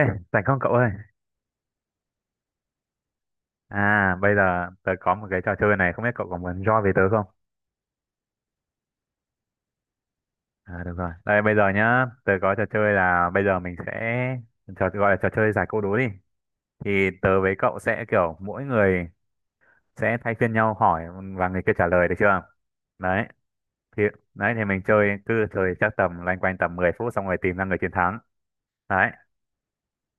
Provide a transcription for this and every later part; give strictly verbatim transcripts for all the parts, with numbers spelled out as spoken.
Ê, rảnh không cậu ơi? À, bây giờ tớ có một cái trò chơi này, không biết cậu có muốn join với tớ không? À, được rồi. Đây, bây giờ nhá, tớ có trò chơi là bây giờ mình sẽ trò gọi là trò chơi giải câu đố đi. Thì tớ với cậu sẽ kiểu mỗi người sẽ thay phiên nhau hỏi và người kia trả lời được chưa? Đấy, thì đấy thì mình chơi cứ chơi chắc tầm loanh quanh tầm mười phút xong rồi tìm ra người chiến thắng. Đấy,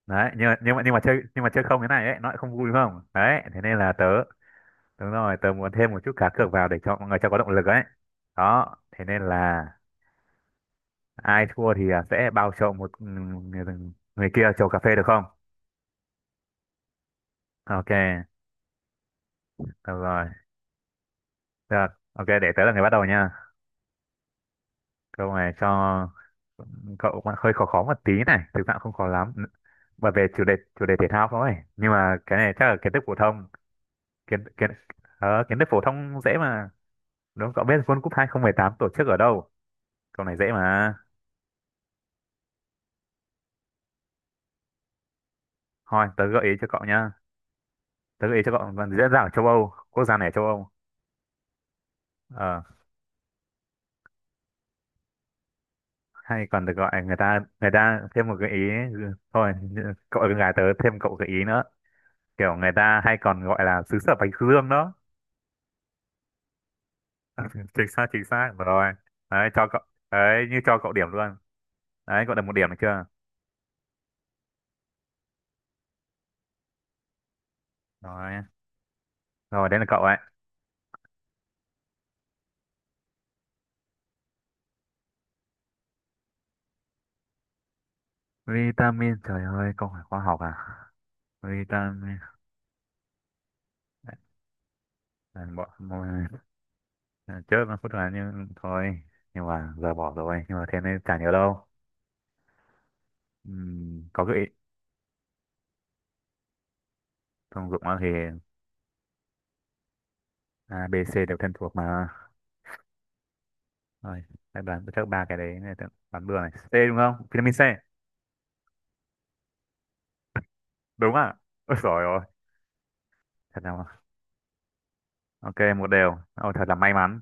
đấy, nhưng mà nhưng mà nhưng mà chơi nhưng mà chơi không thế này ấy, nó lại không vui đúng không? Đấy, thế nên là tớ. Đúng rồi, tớ muốn thêm một chút cá cược vào để cho mọi người cho có động lực ấy. Đó, thế nên là ai thua thì à, sẽ bao cho một ừ, người, người kia chầu cà phê được không? Ok, được rồi. Được. Ok, để tớ là người bắt đầu nha. Câu này cho cậu cũng hơi khó khó một tí này, thực ra cũng không khó lắm. Bởi về chủ đề chủ đề thể thao thôi. Nhưng mà cái này chắc là kiến thức phổ thông, kiến kiến ờ, kiến thức phổ thông dễ mà. Đúng, cậu biết World Cup hai không một tám tổ chức ở đâu? Câu này dễ mà. Thôi, tớ gợi ý cho cậu nhá. Tớ gợi ý cho cậu còn dễ dàng ở châu Âu, quốc gia này ở châu Âu, ờ hay còn được gọi, người ta người ta thêm một gợi ý. Thôi cậu là con gái tớ thêm cậu gợi ý nữa, kiểu người ta hay còn gọi là xứ sở bánh dương đó. Chính xác, chính xác rồi. Đấy cho cậu, đấy như cho cậu điểm luôn. Đấy cậu được một điểm được chưa? Rồi, rồi đây là cậu ấy. Vitamin, trời ơi câu hỏi khoa học à? Vitamin. Đấy, bỏ bỏ- trước nó phút là như thôi, nhưng mà giờ bỏ rồi, nhưng mà thế nên chả nhớ đâu. Ừm, có gợi ý, thông dụng thì A B C đều thân thuộc mà. Rồi các đoán chắc ba cái đấy này, đoán bừa này, C đúng không, vitamin C? Đúng à? Ôi giỏi rồi, thật là. Ok một đều, ôi thật là may mắn.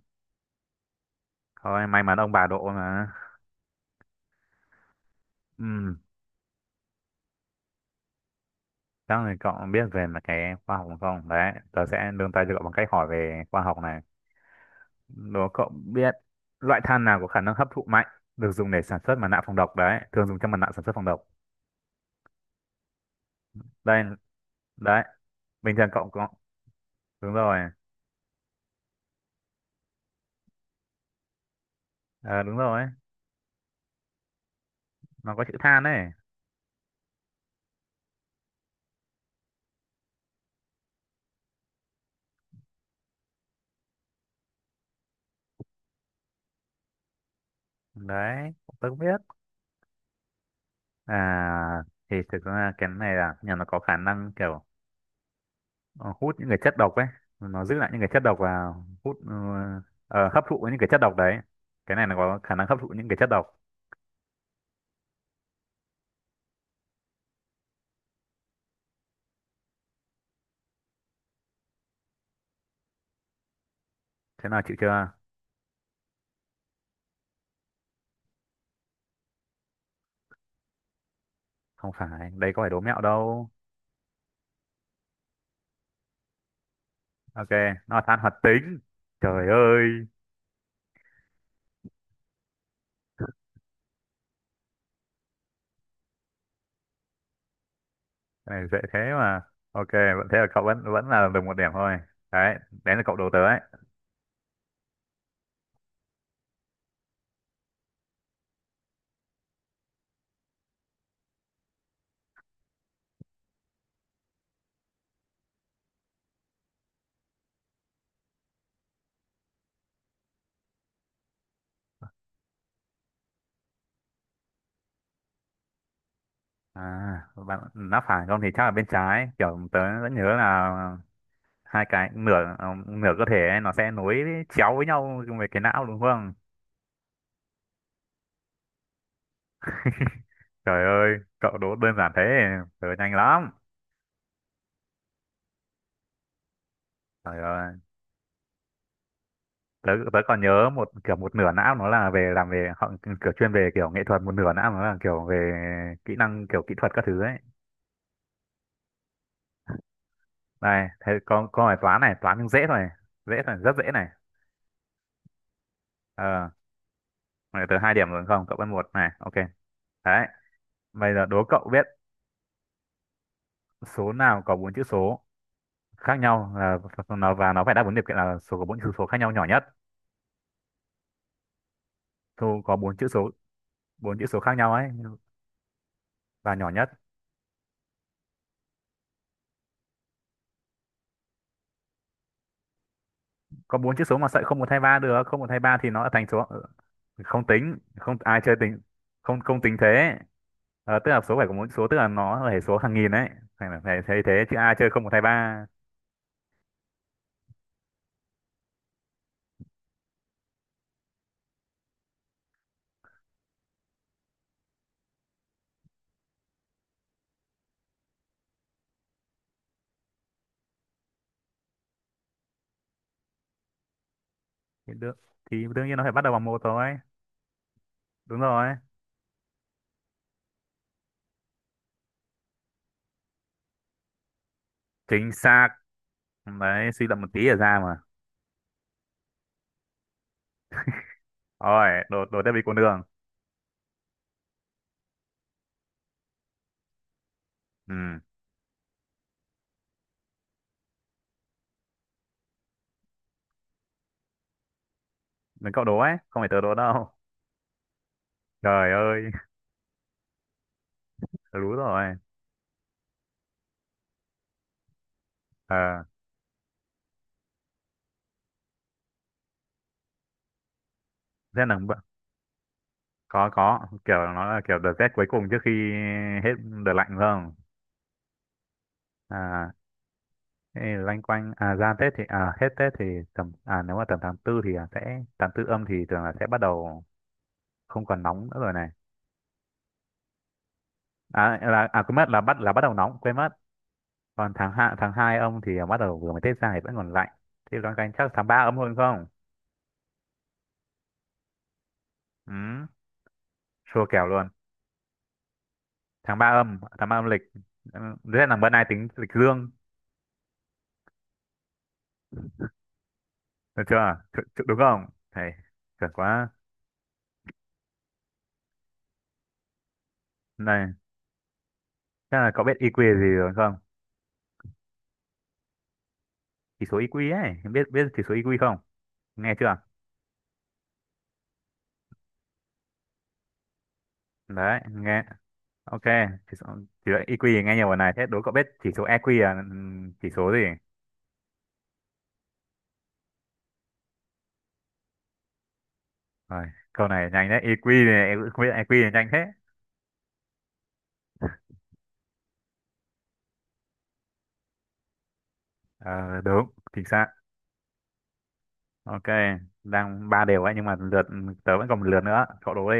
Thôi may mắn ông bà độ mà. Ừm, chắc là cậu biết về mà cái khoa học không, đấy tớ sẽ nương tay cho cậu bằng cách hỏi về khoa học này. Đố cậu biết loại than nào có khả năng hấp thụ mạnh được dùng để sản xuất mặt nạ phòng độc, đấy thường dùng trong mặt nạ sản xuất phòng độc. Đây, đấy, bình thường cậu có. Đúng rồi, ờ đúng rồi, nó có chữ than ấy. Đấy tôi cũng biết. À thì thực ra cái này là nhà nó có khả năng kiểu, ờ, hút những cái chất độc ấy, nó giữ lại những cái chất độc và hút ờ, ờ, hấp thụ những cái chất độc đấy, cái này nó có khả năng hấp thụ những cái chất độc. Thế nào chịu chưa? Không phải, đây có phải đố mẹo đâu. Ok, nó là than hoạt tính. Trời ơi, cái này dễ thế mà. Ok vẫn thế là cậu vẫn vẫn là được một điểm thôi. Đấy, đấy là cậu đố tớ ấy. À, bạn đã phải không thì chắc là bên trái, kiểu tớ vẫn nhớ là hai cái nửa, ờ, nửa cơ thể ấy, nó sẽ nối chéo với nhau về cái não đúng không? Trời ơi, cậu đố đơn giản thế, tớ nhanh lắm. Trời ơi, tớ, tớ còn nhớ một kiểu một nửa não nó là về làm về họ, kiểu chuyên về kiểu nghệ thuật, một nửa não nó là kiểu về kỹ năng kiểu kỹ thuật các thứ ấy. Này, thế có có bài toán này, toán nhưng dễ thôi, dễ thôi, rất dễ này. Ờ, này, tớ hai điểm rồi đúng không? Cậu vẫn một này, ok. Đấy, bây giờ đố cậu biết số nào có bốn chữ số khác nhau, là nó và nó phải đáp ứng điều kiện là số có bốn chữ số khác nhau nhỏ nhất, thu có bốn chữ số, bốn chữ số khác nhau ấy và nhỏ nhất. Có bốn chữ số mà sợi không một thay ba được, không một thay ba thì nó là thành số ờ, không tính, không ai chơi tính, không không tính thế. Ờ, tức là số phải có bốn chữ số, tức là nó là hệ số hàng nghìn ấy, thành phải thấy thế chứ ai chơi không một thay ba. Thì được thì đương nhiên nó phải bắt đầu bằng một thôi. Đúng rồi, chính xác. Đấy suy luận một tí là ra mà. Rồi đột đột tiếp đi con đường. Ừ là cậu đố ấy, không phải tớ đố đâu. Trời ơi, tớ đúng rồi. Ờ, rét nắng bận có có kiểu nó là kiểu đợt rét cuối cùng trước khi hết đợt lạnh phải không? À, thế thì loanh quanh à ra Tết thì à hết Tết thì tầm à nếu mà tầm tháng tư thì là sẽ tháng tư âm thì thường là sẽ bắt đầu không còn nóng nữa rồi này. À là à quên mất là bắt là bắt đầu nóng quên mất, còn tháng hai, tháng hai âm thì bắt đầu vừa mới Tết ra thì vẫn còn lạnh, thì loanh quanh chắc tháng ba âm hơn không. Ừ, chua kèo luôn. Tháng ba âm, tháng ba âm lịch. Ừ, thế là bữa nay tính lịch dương được chưa? Chu- chu- đúng không thầy, chuẩn quá. Này, chắc là cậu biết i EQ gì rồi không? Chỉ số i EQ ấy, biết biết chỉ số i EQ không, nghe chưa? Đấy nghe. Ok, chỉ số chỉ số i kiu thì nghe nhiều rồi này, thế đố cậu biết chỉ số i kiu là ừm, chỉ số gì? Rồi, câu này nhanh đấy, i EQ này em cũng không biết, i kiu này nhanh thế. Ờ, đúng, chính xác. Ok, đang ba đều ấy nhưng mà lượt tớ vẫn còn một lượt nữa, cậu đố đi.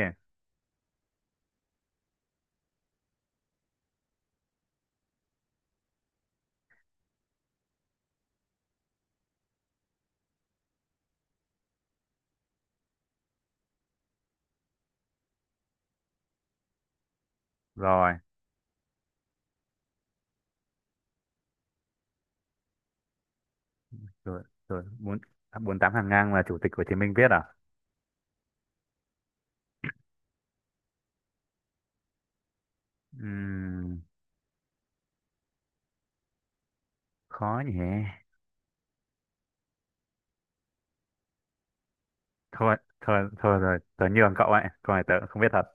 Rồi, rồi rồi bốn. À, bốn tám hàng ngang là chủ tịch Hồ Chí Minh viết à? Ừm, khó nhỉ. Thôi thôi thôi rồi tớ nhường cậu ấy, câu này tớ cũng không biết thật.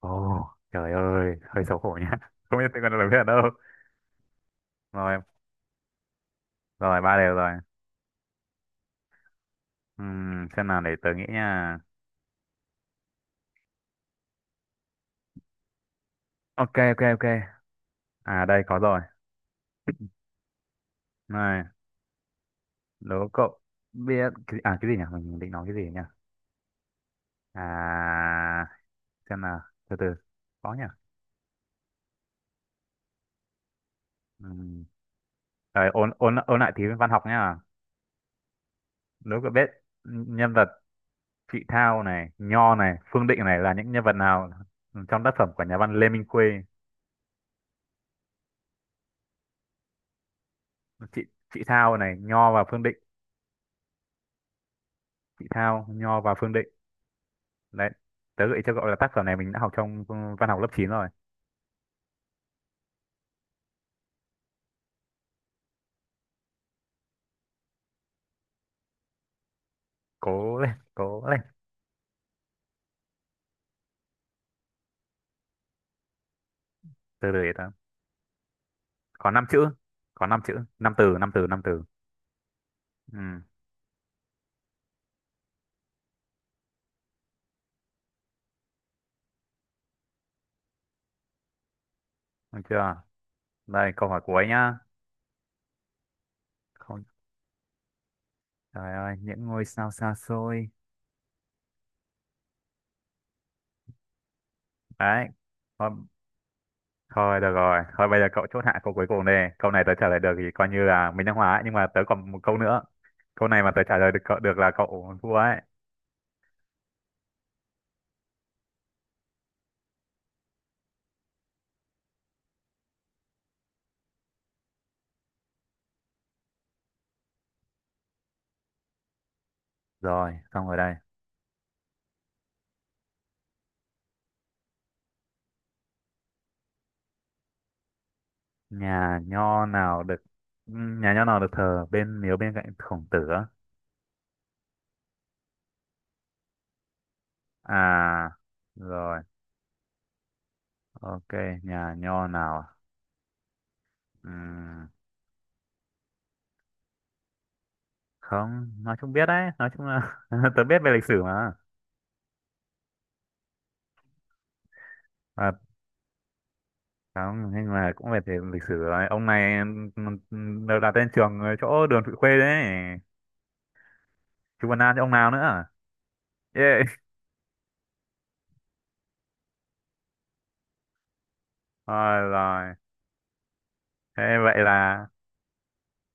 Ồ, trời ơi hơi xấu hổ nhá. Không biết tớ còn được biết đâu. Rồi, rồi ba đều rồi. Ừm, xem nào để tớ nghĩ nha. Ok, ok, ok. À đây có rồi. Này, đố cậu biết cái, à cái gì nhỉ, mình định nói cái gì nhỉ? À, xem nào, từ từ, có nhỉ. Ừm, Ờ, ôn ôn ôn lại tí văn học nhá. Nếu cậu biết nhân vật Chị Thao này, Nho này, Phương Định này là những nhân vật nào trong tác phẩm của nhà văn Lê Minh Khuê? Chị Chị Thao này, Nho và Phương Định, Chị Thao, Nho và Phương Định. Đấy, tớ gợi ý cho cậu là tác phẩm này mình đã học trong văn học lớp chín rồi. Cố lên, cố lên, từ từ để tớ. Có năm chữ, có năm chữ, năm từ, năm từ, năm từ. Ừ, được chưa? Đây, câu hỏi cuối nhá. Không, trời ơi, những ngôi sao xa xôi. Đấy, có. Thôi được rồi, thôi bây giờ cậu chốt hạ câu cuối cùng đây. Câu này tớ trả lời được thì coi như là mình đang hóa ấy, nhưng mà tớ còn một câu nữa. Câu này mà tớ trả lời được cậu được là cậu thua ấy. Rồi, xong rồi đây. Nhà nho nào được, ừm, nhà nho nào được thờ bên miếu bên cạnh Khổng Tử á? À rồi, ok, nhà nho nào? À? Ừm, không, nói chung biết đấy, nói chung là tớ biết về lịch sử mà. À, không, nhưng mà cũng về thể lịch sử rồi. Ông này ừm, ừm, được đặt tên trường ở chỗ đường Thụy Khuê đấy. Chú Văn An chứ ông nào nữa à? Yeah. Rồi rồi, thế vậy là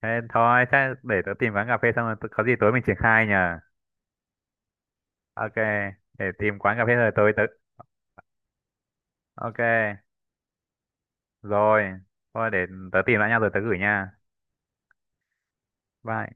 thế thôi, thế để tớ tìm quán cà phê xong rồi tớ- có gì tối mình triển khai nhờ. Ok, để tìm quán cà phê rồi tối tớ. Ok rồi. Thôi để tớ tìm lại nhau rồi tớ gửi nha. Bye.